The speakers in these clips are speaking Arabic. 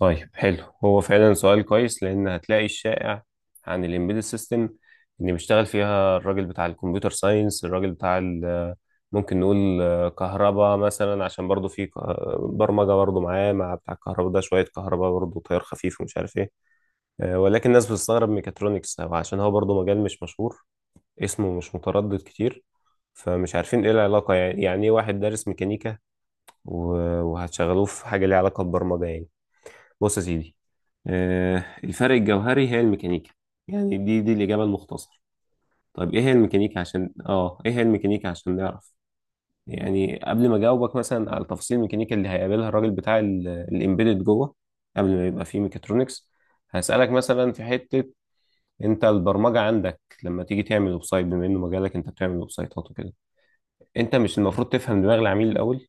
طيب حلو هو فعلا سؤال كويس لان هتلاقي الشائع عن الامبيدد سيستم ان بيشتغل فيها الراجل بتاع الكمبيوتر ساينس الراجل بتاع ممكن نقول كهرباء مثلا عشان برضه في برمجه برضه معاه مع بتاع الكهرباء ده شويه كهرباء برضه تيار خفيف ومش عارف ايه. ولكن الناس بتستغرب ميكاترونكس أو عشان هو برضه مجال مش مشهور، اسمه مش متردد كتير، فمش عارفين ايه العلاقه، يعني ايه واحد دارس ميكانيكا وهتشغلوه في حاجه ليها علاقه ببرمجه يعني. بص يا سيدي، الفرق الجوهري هي الميكانيكا، يعني دي الإجابة المختصرة. طيب إيه هي الميكانيكا عشان إيه هي الميكانيكا عشان نعرف. يعني قبل ما أجاوبك مثلا على تفاصيل الميكانيكا اللي هيقابلها الراجل بتاع الإمبيدد جوه، قبل ما يبقى فيه ميكاترونكس، هسألك مثلا في حتة. أنت البرمجة عندك لما تيجي تعمل ويب سايت، بما إنه مجالك أنت بتعمل ويب سايتات وكده، أنت مش المفروض تفهم دماغ العميل الأول؟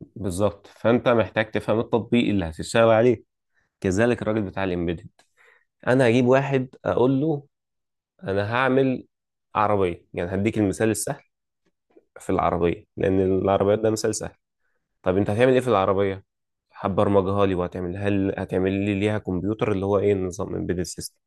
بالظبط، فأنت محتاج تفهم التطبيق اللي هتشتغل عليه. كذلك الراجل بتاع الإمبيدد. انا هجيب واحد اقول له انا هعمل عربيه، يعني هديك المثال السهل في العربيه لان العربيات ده مثال سهل. طب انت هتعمل ايه في العربية؟ هتبرمجها لي وهتعمل، هل هتعمل لي ليها كمبيوتر اللي هو ايه، نظام امبيدد سيستم؟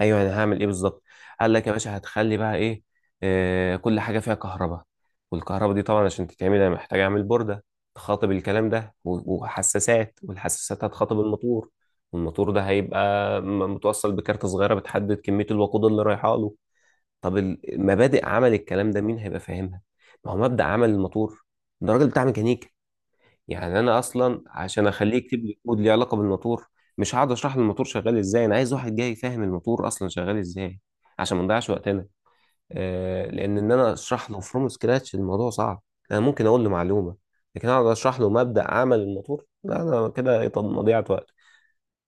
ايوه، انا هعمل ايه بالظبط؟ قال لك يا باشا هتخلي بقى ايه، آه، كل حاجة فيها كهرباء، والكهرباء دي طبعا عشان تتعمل انا محتاج اعمل بوردة تخاطب الكلام ده وحساسات، والحساسات هتخاطب الموتور، والموتور ده هيبقى متوصل بكارت صغيرة بتحدد كمية الوقود اللي رايحة له. طب المبادئ عمل الكلام ده مين هيبقى فاهمها؟ ما هو مبدأ عمل الموتور ده راجل بتاع ميكانيكا. يعني انا اصلا عشان اخليه يكتب لي كود ليه علاقه بالموتور، مش هقعد اشرح له الموتور شغال ازاي، انا عايز واحد جاي يفهم الموتور اصلا شغال ازاي عشان ما نضيعش وقتنا. آه لان انا اشرح له فروم سكراتش الموضوع صعب. انا ممكن اقول له معلومه، لكن اقعد اشرح له مبدأ عمل الموتور، لا انا كده طب مضيعه وقت.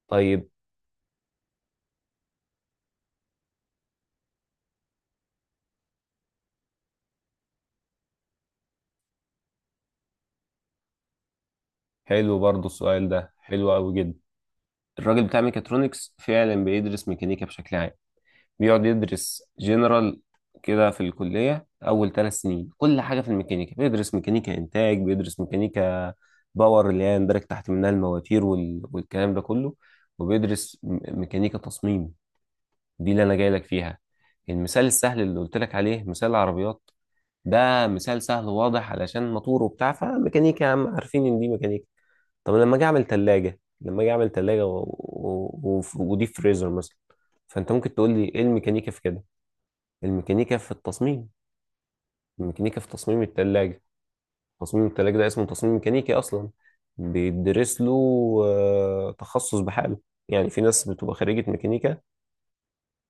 طيب حلو برضو السؤال ده حلو قوي جدا. الراجل بتاع ميكاترونكس فعلا بيدرس ميكانيكا بشكل عام، بيقعد يدرس جنرال كده في الكلية. أول ثلاث سنين كل حاجة في الميكانيكا، بيدرس ميكانيكا إنتاج، بيدرس ميكانيكا باور اللي هي يندرج تحت منها المواتير والكلام ده كله، وبيدرس ميكانيكا تصميم. دي اللي أنا جاي لك فيها. المثال السهل اللي قلت لك عليه مثال العربيات، ده مثال سهل وواضح علشان موتور وبتاع، فميكانيكا يا عم عارفين إن دي ميكانيكا. طب لما أجي أعمل تلاجة، لما أجي أعمل تلاجة ودي فريزر مثلا، فأنت ممكن تقول لي إيه الميكانيكا في كده. الميكانيكا في التصميم، الميكانيكا في تصميم التلاجة. تصميم التلاجة ده اسمه تصميم ميكانيكي أصلا، بيدرس له تخصص بحاله. يعني في ناس بتبقى خريجة ميكانيكا،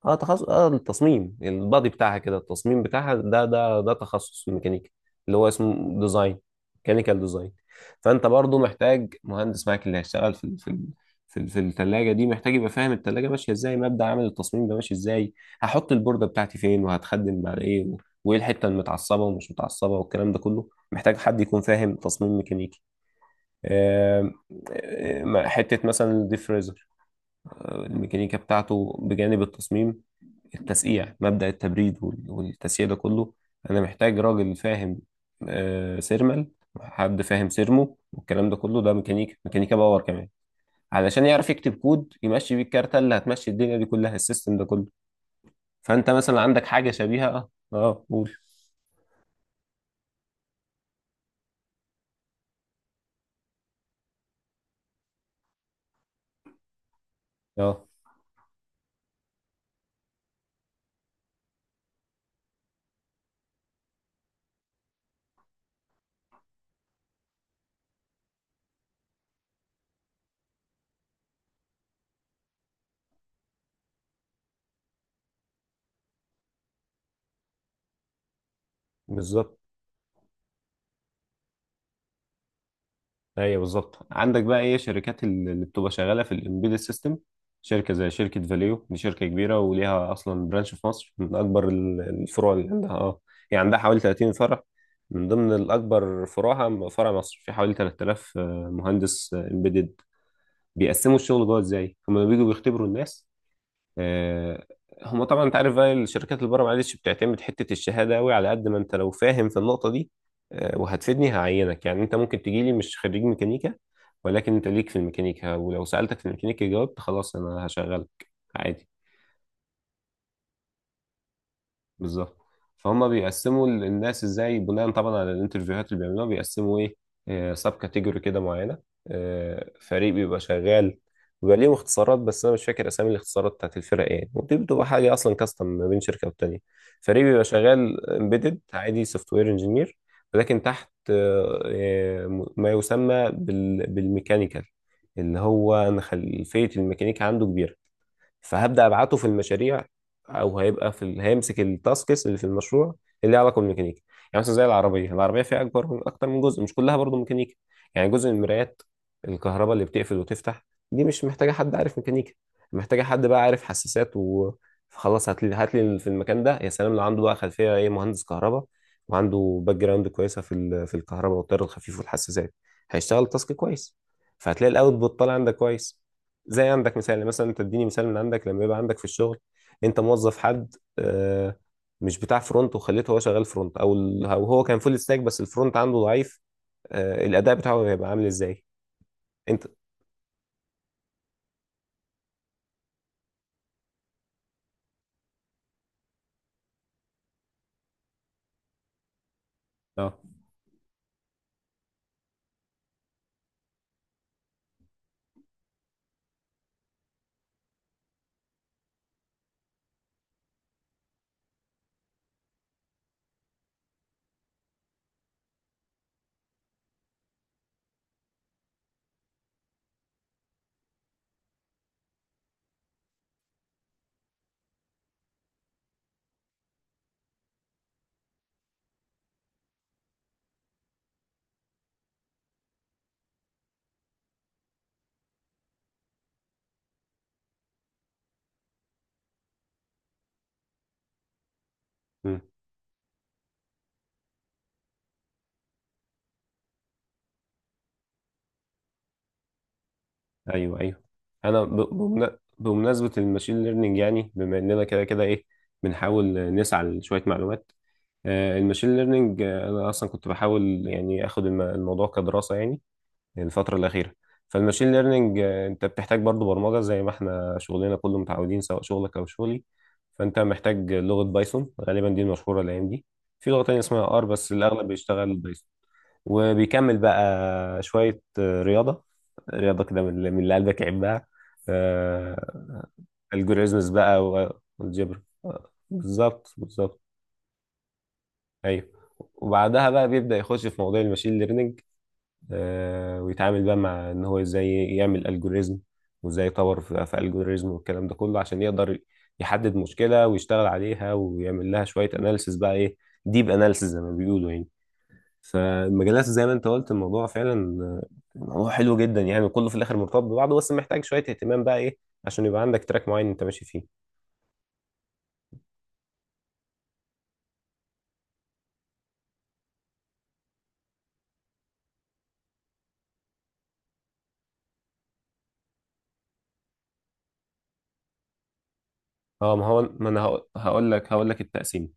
اه تخصص، اه التصميم البادي بتاعها كده، التصميم بتاعها ده ده تخصص في الميكانيكا اللي هو اسمه ديزاين، ميكانيكال ديزاين. فانت برضو محتاج مهندس معاك اللي هيشتغل في في الثلاجه دي، محتاج يبقى فاهم الثلاجه ماشيه ازاي، مبدأ عمل التصميم ده ماشي ازاي، هحط البورده بتاعتي فين وهتخدم على ايه وايه الحته المتعصبه ومش متعصبه، والكلام ده كله محتاج حد يكون فاهم تصميم ميكانيكي. آم، آم، حته مثلا الديفريزر، الميكانيكا بتاعته بجانب التصميم، التسقيع، مبدأ التبريد والتسقيع ده كله، انا محتاج راجل فاهم، سيرمال، حد فاهم سيرمو، والكلام ده كله ده ميكانيكا، ميكانيكا باور كمان، علشان يعرف يكتب كود يمشي بيه الكارتة اللي هتمشي الدنيا دي كلها، السيستم ده كله. فانت مثلا عندك حاجة شبيهة، اه قول. اه بالظبط. ايوه بالظبط، عندك بقى ايه شركات اللي بتبقى شغاله في الامبيدد سيستم، شركه زي شركه فاليو، دي شركه كبيره وليها اصلا برانش في مصر، من اكبر الفروع اللي عندها اه، يعني عندها حوالي 30 فرع، من ضمن الاكبر فروعها فرع مصر، في حوالي 3000 مهندس امبيدد. بيقسموا الشغل جوه ازاي، هما بيجوا بيختبروا الناس، آه، هما طبعا انت عارف بقى الشركات اللي بره معلش بتعتمد حته الشهاده قوي، على قد ما انت لو فاهم في النقطه دي، وهتفيدني هعينك. يعني انت ممكن تجي لي مش خريج ميكانيكا ولكن انت ليك في الميكانيكا، ولو سالتك في الميكانيكا جاوبت، خلاص انا هشغلك عادي. بالظبط. فهم بيقسموا الناس ازاي بناء طبعا على الانترفيوهات اللي بيعملوها، بيقسموا ايه سب كاتيجوري كده معينه. فريق بيبقى شغال، بيبقى ليهم اختصارات بس انا مش فاكر اسامي الاختصارات بتاعت الفرق ايه، ودي بتبقى حاجه اصلا كاستم ما بين شركه والتانيه. فريق بيبقى شغال امبيدد عادي، سوفت وير انجينير، ولكن تحت ما يسمى بالميكانيكال اللي هو انا خلفيه الميكانيكا عنده كبيره، فهبدأ أبعته في المشاريع، أو هيبقى في هيمسك التاسكس اللي في المشروع اللي ليها علاقة بالميكانيكا. يعني مثلا زي العربية، العربية فيها أكبر من أكتر من جزء، مش كلها برضو ميكانيكا. يعني جزء من المرايات، الكهرباء اللي بتقفل وتفتح، دي مش محتاجة حد عارف ميكانيكا، محتاجة حد بقى عارف حساسات و، فخلاص هات لي، هات لي في المكان ده يا سلام لو عنده بقى خلفية إيه، مهندس كهرباء وعنده باك جراوند كويسة في في الكهرباء والتيار الخفيف والحساسات، هيشتغل التاسك كويس، فهتلاقي الاوتبوت طالع عندك كويس. زي عندك مثال يعني، مثلا تديني مثال من عندك، لما يبقى عندك في الشغل انت موظف حد، مش بتاع فرونت وخليته هو شغال فرونت، او هو كان فول ستاك بس الفرونت عنده ضعيف، الاداء بتاعه هيبقى عامل ازاي. انت اه. مم. ايوه ايوه. انا بمناسبه الماشين ليرنينج، يعني بما اننا كده كده ايه بنحاول نسعى لشويه معلومات، الماشين ليرنينج، انا اصلا كنت بحاول يعني اخد الموضوع كدراسه يعني الفترة الأخيرة. فالماشين ليرنينج، أنت بتحتاج برضو برمجة زي ما احنا شغلنا كله متعودين، سواء شغلك أو شغلي. فأنت محتاج لغة بايثون غالبا، دي المشهورة الأيام دي. في لغة تانية اسمها آر، بس الأغلب بيشتغل بايثون. وبيكمل بقى شوية رياضة، رياضة كده من اللي من اللي قلبك يحبها، الجوريزمز بقى والجبر. بالظبط بالظبط. أيوه. وبعدها بقى بيبدأ يخش في مواضيع الماشين ليرنينج، ويتعامل بقى مع ان هو ازاي يعمل الجوريزم، وازاي يطور في الجوريزم، والكلام ده كله عشان يقدر يحدد مشكلة ويشتغل عليها ويعمل لها شوية اناليسز بقى ايه، ديب اناليسز زي ما بيقولوا يعني. فالمجالات زي ما انت قلت، الموضوع فعلا موضوع حلو جدا يعني، كله في الاخر مرتبط ببعضه، بس محتاج شوية اهتمام بقى ايه عشان يبقى عندك تراك معين انت ماشي فيه. اه ما هو، ما انا هقول لك، هقول لك التقسيمه.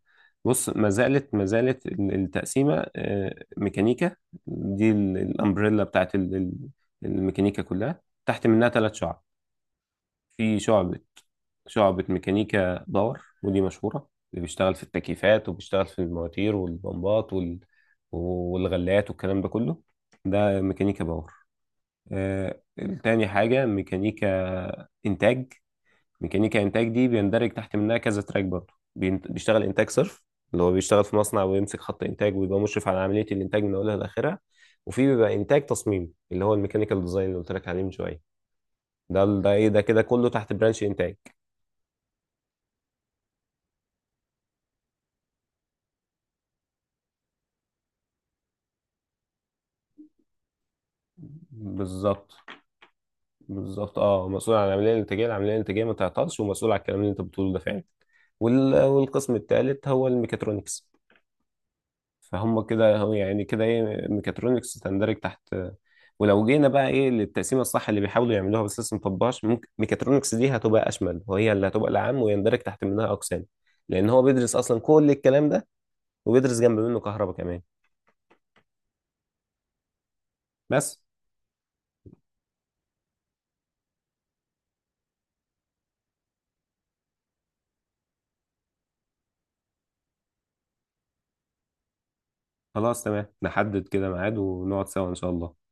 بص، ما زالت التقسيمه ميكانيكا، دي الامبريلا بتاعت الميكانيكا كلها، تحت منها ثلاث شعب. في شعبه، شعبه ميكانيكا باور، ودي مشهوره، اللي بيشتغل في التكييفات وبيشتغل في المواتير والبمبات والغلايات والكلام ده كله، ده ميكانيكا باور. آه، تاني حاجه ميكانيكا انتاج. ميكانيكا انتاج دي بيندرج تحت منها كذا تراك برضه، بيشتغل انتاج صرف اللي هو بيشتغل في مصنع ويمسك خط انتاج ويبقى مشرف على عمليه الانتاج من اولها لاخرها، وفي بيبقى انتاج تصميم اللي هو الميكانيكال ديزاين اللي قلت لك عليه من شويه. ده ال- ده ايه ده كده كله تحت برانش انتاج. بالظبط بالظبط، اه مسؤول عن العمليه الانتاجيه، العمليه الانتاجيه ما تعطلش، ومسؤول على الكلام اللي انت بتقوله ده فعلا. والقسم الثالث هو الميكاترونكس، فهم كده هو يعني كده ايه ميكاترونكس تندرج تحت. ولو جينا بقى ايه للتقسيمه الصح اللي بيحاولوا يعملوها بس لسه مطبقهاش، ممكن ميكاترونكس دي هتبقى اشمل، وهي اللي هتبقى العام ويندرج تحت منها اقسام، لان هو بيدرس اصلا كل الكلام ده، وبيدرس جنب منه كهرباء كمان بس. خلاص تمام، نحدد كده ميعاد ونقعد سوا ان شاء الله.